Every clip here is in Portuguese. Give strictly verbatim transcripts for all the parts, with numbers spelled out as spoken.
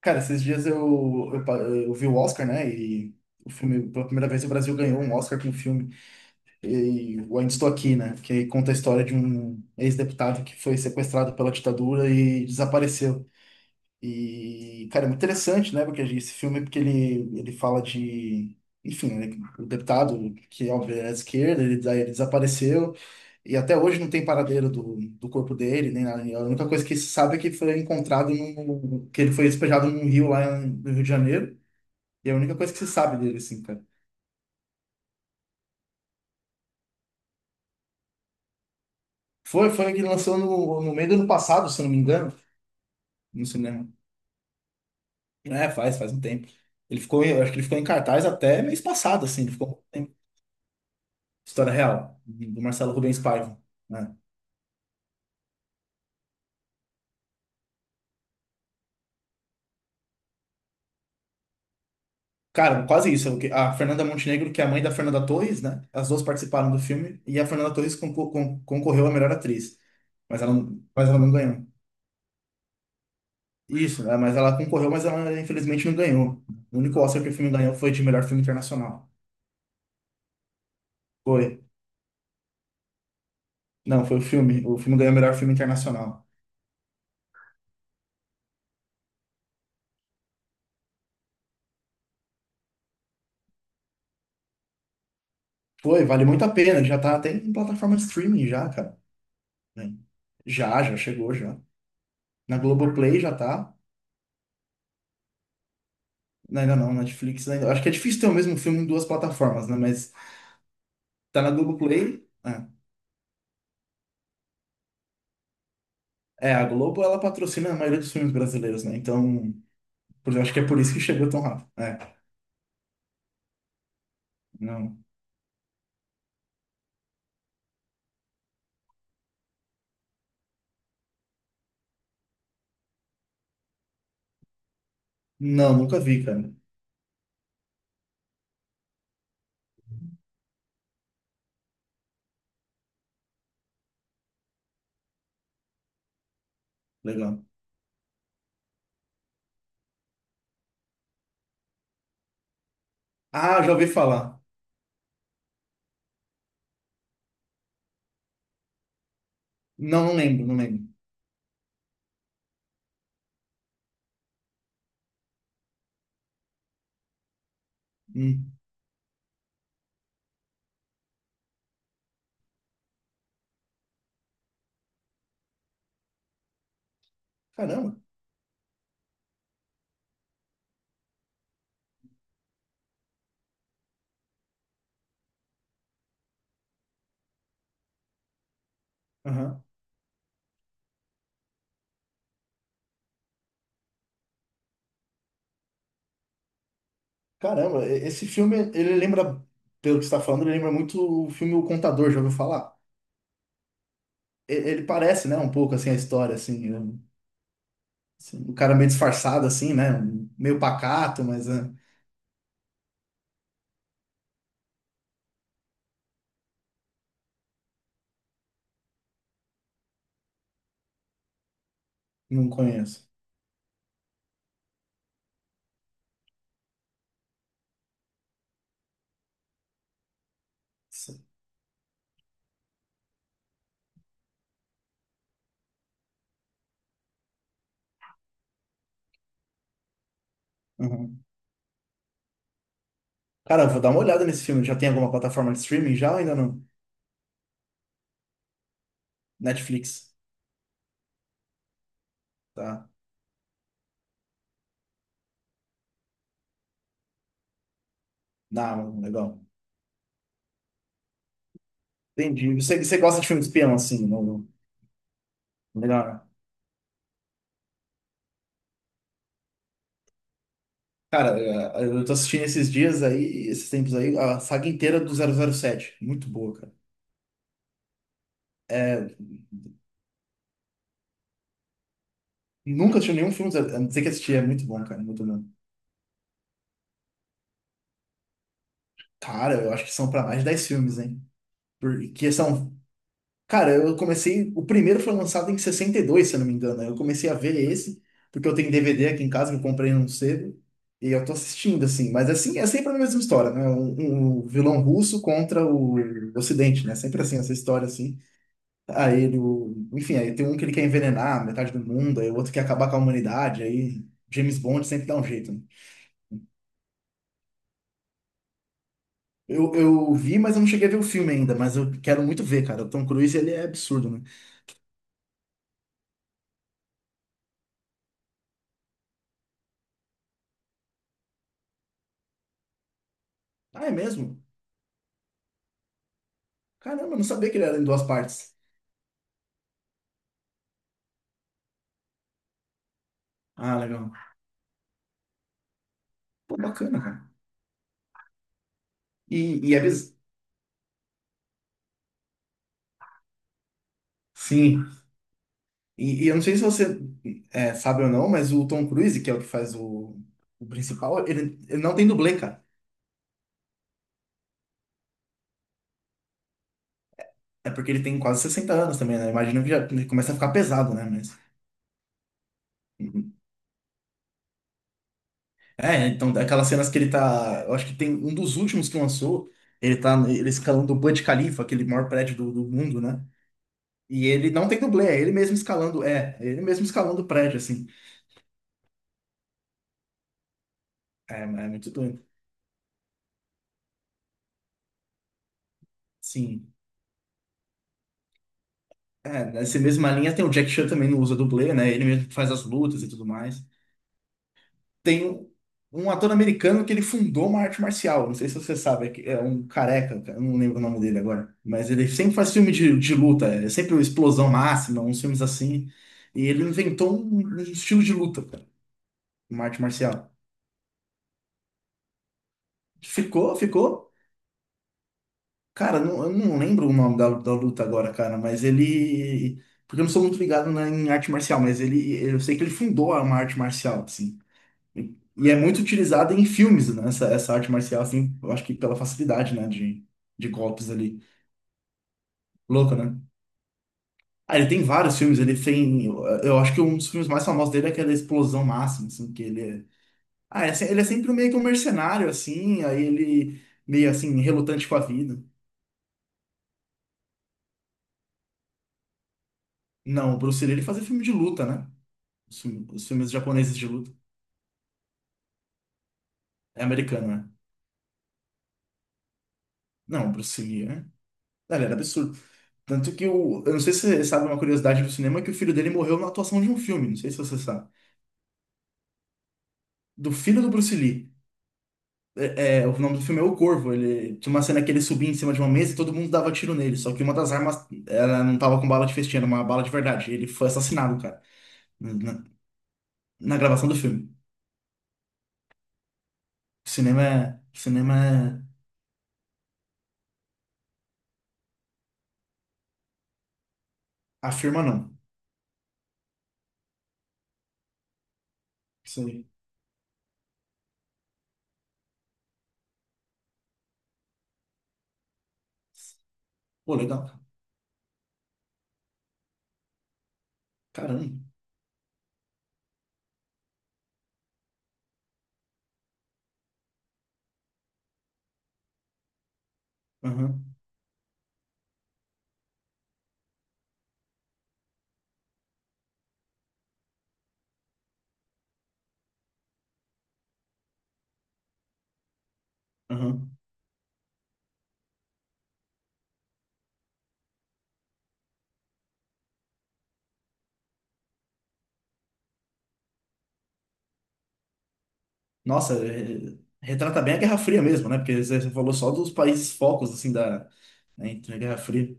Cara, esses dias eu, eu, pa- eu vi o Oscar, né? E o filme, pela primeira vez, o Brasil ganhou um Oscar com o filme. E o Ainda Estou Aqui, né? Que conta a história de um ex-deputado que foi sequestrado pela ditadura e desapareceu. E, cara, é muito interessante, né? Porque esse filme, porque ele, ele fala de. Enfim, né, o deputado, que óbvio é de esquerda, ele, daí ele desapareceu. E até hoje não tem paradeiro do, do corpo dele, nem nada. A única coisa que se sabe é que foi encontrado no, que ele foi despejado num rio lá no Rio de Janeiro. E é a única coisa que se sabe dele, assim, cara. Foi, foi que lançou no, no meio do ano passado, se eu não me engano, no cinema. É, faz, faz um tempo. Ele ficou, em- eu acho que ele ficou em cartaz até mês passado, assim, ele ficou um tempo. História real, do Marcelo Rubens Paiva. Né? Cara, quase isso. A Fernanda Montenegro, que é a mãe da Fernanda Torres, né? As duas participaram do filme e a Fernanda Torres concor- con- concorreu à melhor atriz, mas ela, não- mas ela não ganhou. Isso, né? Mas ela concorreu, mas ela infelizmente não ganhou. O único Oscar que o filme ganhou foi de melhor filme internacional. Foi. Não, foi o filme. O filme ganhou melhor filme internacional. Foi, vale muito a pena. Já tá até em plataforma de streaming já, cara. Né? Já, já chegou já. Na Globoplay já tá. Não, ainda não, Netflix ainda. Acho que é difícil ter o mesmo filme em duas plataformas, né? Mas tá na Globoplay. É, É, a Globo ela patrocina a maioria dos filmes brasileiros, né? Então, por- eu acho que é por isso que chegou tão rápido. É, não. Não, nunca vi, cara. Legal. Ah, já ouvi falar. Não, não lembro, não lembro. Hum. Caramba. Aham. Caramba, e- esse filme, ele lembra, pelo que você tá falando, ele lembra muito o filme O Contador, já ouviu falar? E- Ele parece, né, um pouco assim a história, assim, um- assim, o cara meio disfarçado, assim, né? um- Meio pacato, mas é, não conheço. Aham. Cara, eu vou dar uma olhada nesse filme. Já tem alguma plataforma de streaming já ou ainda não? Netflix, tá? Na Amazon, legal. Entendi. Você, você gosta de filme de espião, assim, não, não- legal, né? Cara, eh, eu tô assistindo esses dias aí, esses tempos aí, a saga inteira do zero zero sete. Muito boa, cara. É, nunca assisti nenhum filme, zero- a não ser que assisti, é muito bom, cara, muito bom. Cara, eu acho que são pra mais de dez filmes, hein? Porque são cara, eu comecei. O primeiro foi lançado em sessenta e dois, se eu não me engano. Eu comecei a ver esse, porque eu tenho D V D aqui em casa que eu comprei num cedo. E eu tô assistindo, assim. Mas assim, é sempre a mesma história, né? Um, um vilão russo contra o Ocidente, né? Sempre assim, essa história, assim. Aí ele. o- Enfim, aí tem um que ele quer envenenar metade do mundo, aí o outro quer acabar com a humanidade. Aí James Bond sempre dá um jeito, né? Eu, eu vi, mas eu não cheguei a ver o filme ainda, mas eu quero muito ver, cara. O Tom Cruise, ele é absurdo, né? Ah, é mesmo? Caramba, eu não sabia que ele era em duas partes. Ah, legal. Pô, bacana, cara. E, e é biz... Sim. E, e eu não sei se você é, sabe ou não, mas o Tom Cruise, que é o que faz o, o principal, ele, ele não tem dublê, cara. É porque ele tem quase sessenta anos também, né? Imagino que já ele começa a ficar pesado, né? Mas. Uhum. É, então aquelas cenas que ele tá. Eu acho que tem um dos últimos que lançou. Ele tá ele escalando o Burj Khalifa, aquele maior prédio do, do mundo, né? E ele não tem dublê, é ele mesmo escalando. É, é ele mesmo escalando o prédio, assim. É, é muito doido. Sim. É, nessa mesma linha tem o Jack Chan também não usa dublê, né? Ele mesmo que faz as lutas e tudo mais. Tem um, um ator americano que ele fundou uma arte marcial. Não sei se você sabe, é que- é um careca, cara, eu não lembro o nome dele agora. Mas ele sempre faz filme de, de luta, é sempre uma explosão máxima, uns filmes assim. E ele inventou um, um estilo de luta, cara, uma arte marcial. Ficou, ficou. Cara, não- Eu não lembro o nome da, da luta agora, cara, mas ele. Porque eu não sou muito ligado na, em arte marcial, mas ele, eu sei que ele fundou uma arte marcial, assim. E é muito utilizada em filmes, né? Essa, essa arte marcial, assim, eu acho que pela facilidade, né? De, de golpes ali. Louco, né? Ah, ele tem vários filmes, ele tem. Eu eu acho que um dos filmes mais famosos dele é aquela Explosão Máxima, assim, que ele é. Ah, é se- ele é sempre meio que um mercenário, assim, aí ele meio assim, relutante com a vida. Não, o Bruce Lee, ele fazia filme de luta, né? Os, filme- os filmes japoneses de luta. É americano, né? Não, o Bruce Lee, né? Ele era absurdo. Tanto que o. Eu não sei se você sabe uma curiosidade do cinema, que o filho dele morreu na atuação de um filme. Não sei se você sabe. Do filho do Bruce Lee. É, é, o nome do filme é O Corvo. Ele tinha uma cena que ele subia em cima de uma mesa e todo mundo dava tiro nele. Só que uma das armas, ela não tava com bala de festim, era uma bala de verdade. Ele foi assassinado, cara. Na, na- Na gravação do filme. Cinema é. Cinema é. Afirma não. Isso aí. Pô, legal. Caramba. Aham. Aham. Nossa, é- retrata bem a Guerra Fria mesmo, né? Porque você falou só dos países focos, assim, da, né, entre a Guerra Fria.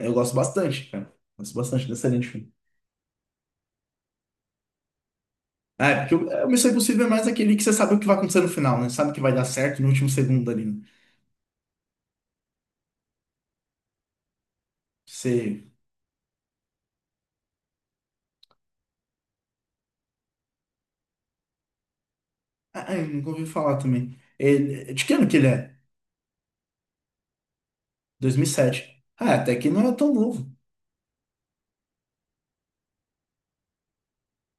Eu gosto bastante, cara. Gosto bastante dessa linha de filme. Ah, é, porque o é, o Missão Impossível é mais aquele que você sabe o que vai acontecer no final, né? Sabe que vai dar certo no último segundo ali, né? Você... Ah, ah, eu nunca ouvi falar também. Ele... De que ano que ele é? dois mil e sete. Ah, até que não é tão novo.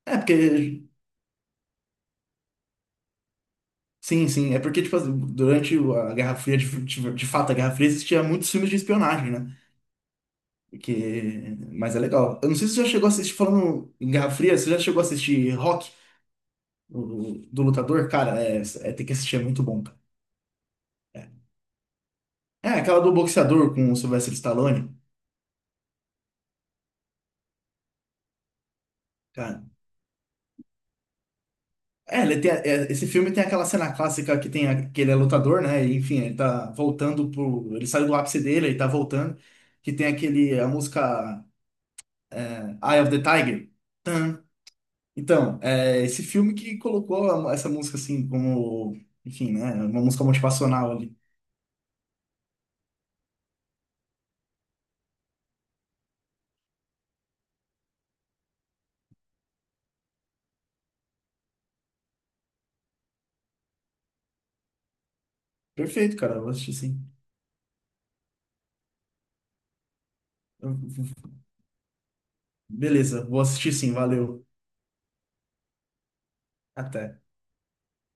É, porque... Sim, sim. É porque, tipo, assim, durante a Guerra Fria, de, de, de fato, a Guerra Fria existia muitos filmes de espionagem, né? Que... Mas é legal. Eu não sei se você já chegou a assistir, falando em Guerra Fria, você já chegou a assistir Rock, o- do lutador? Cara, é, é- tem que assistir, é muito bom, cara. É, É, aquela do boxeador com o Sylvester Stallone, cara. É, ele tem, a- é, esse filme tem aquela cena clássica que tem a- que ele é lutador, né? E, enfim, ele tá voltando pro. Ele saiu do ápice dele, ele tá voltando. Que tem aquele, a música é, Eye of the Tiger. Então, é esse filme que colocou a- essa música assim como, enfim, né, uma música motivacional ali. Perfeito, cara, eu vou assistir sim. Eu- Beleza, vou assistir sim, valeu. Até.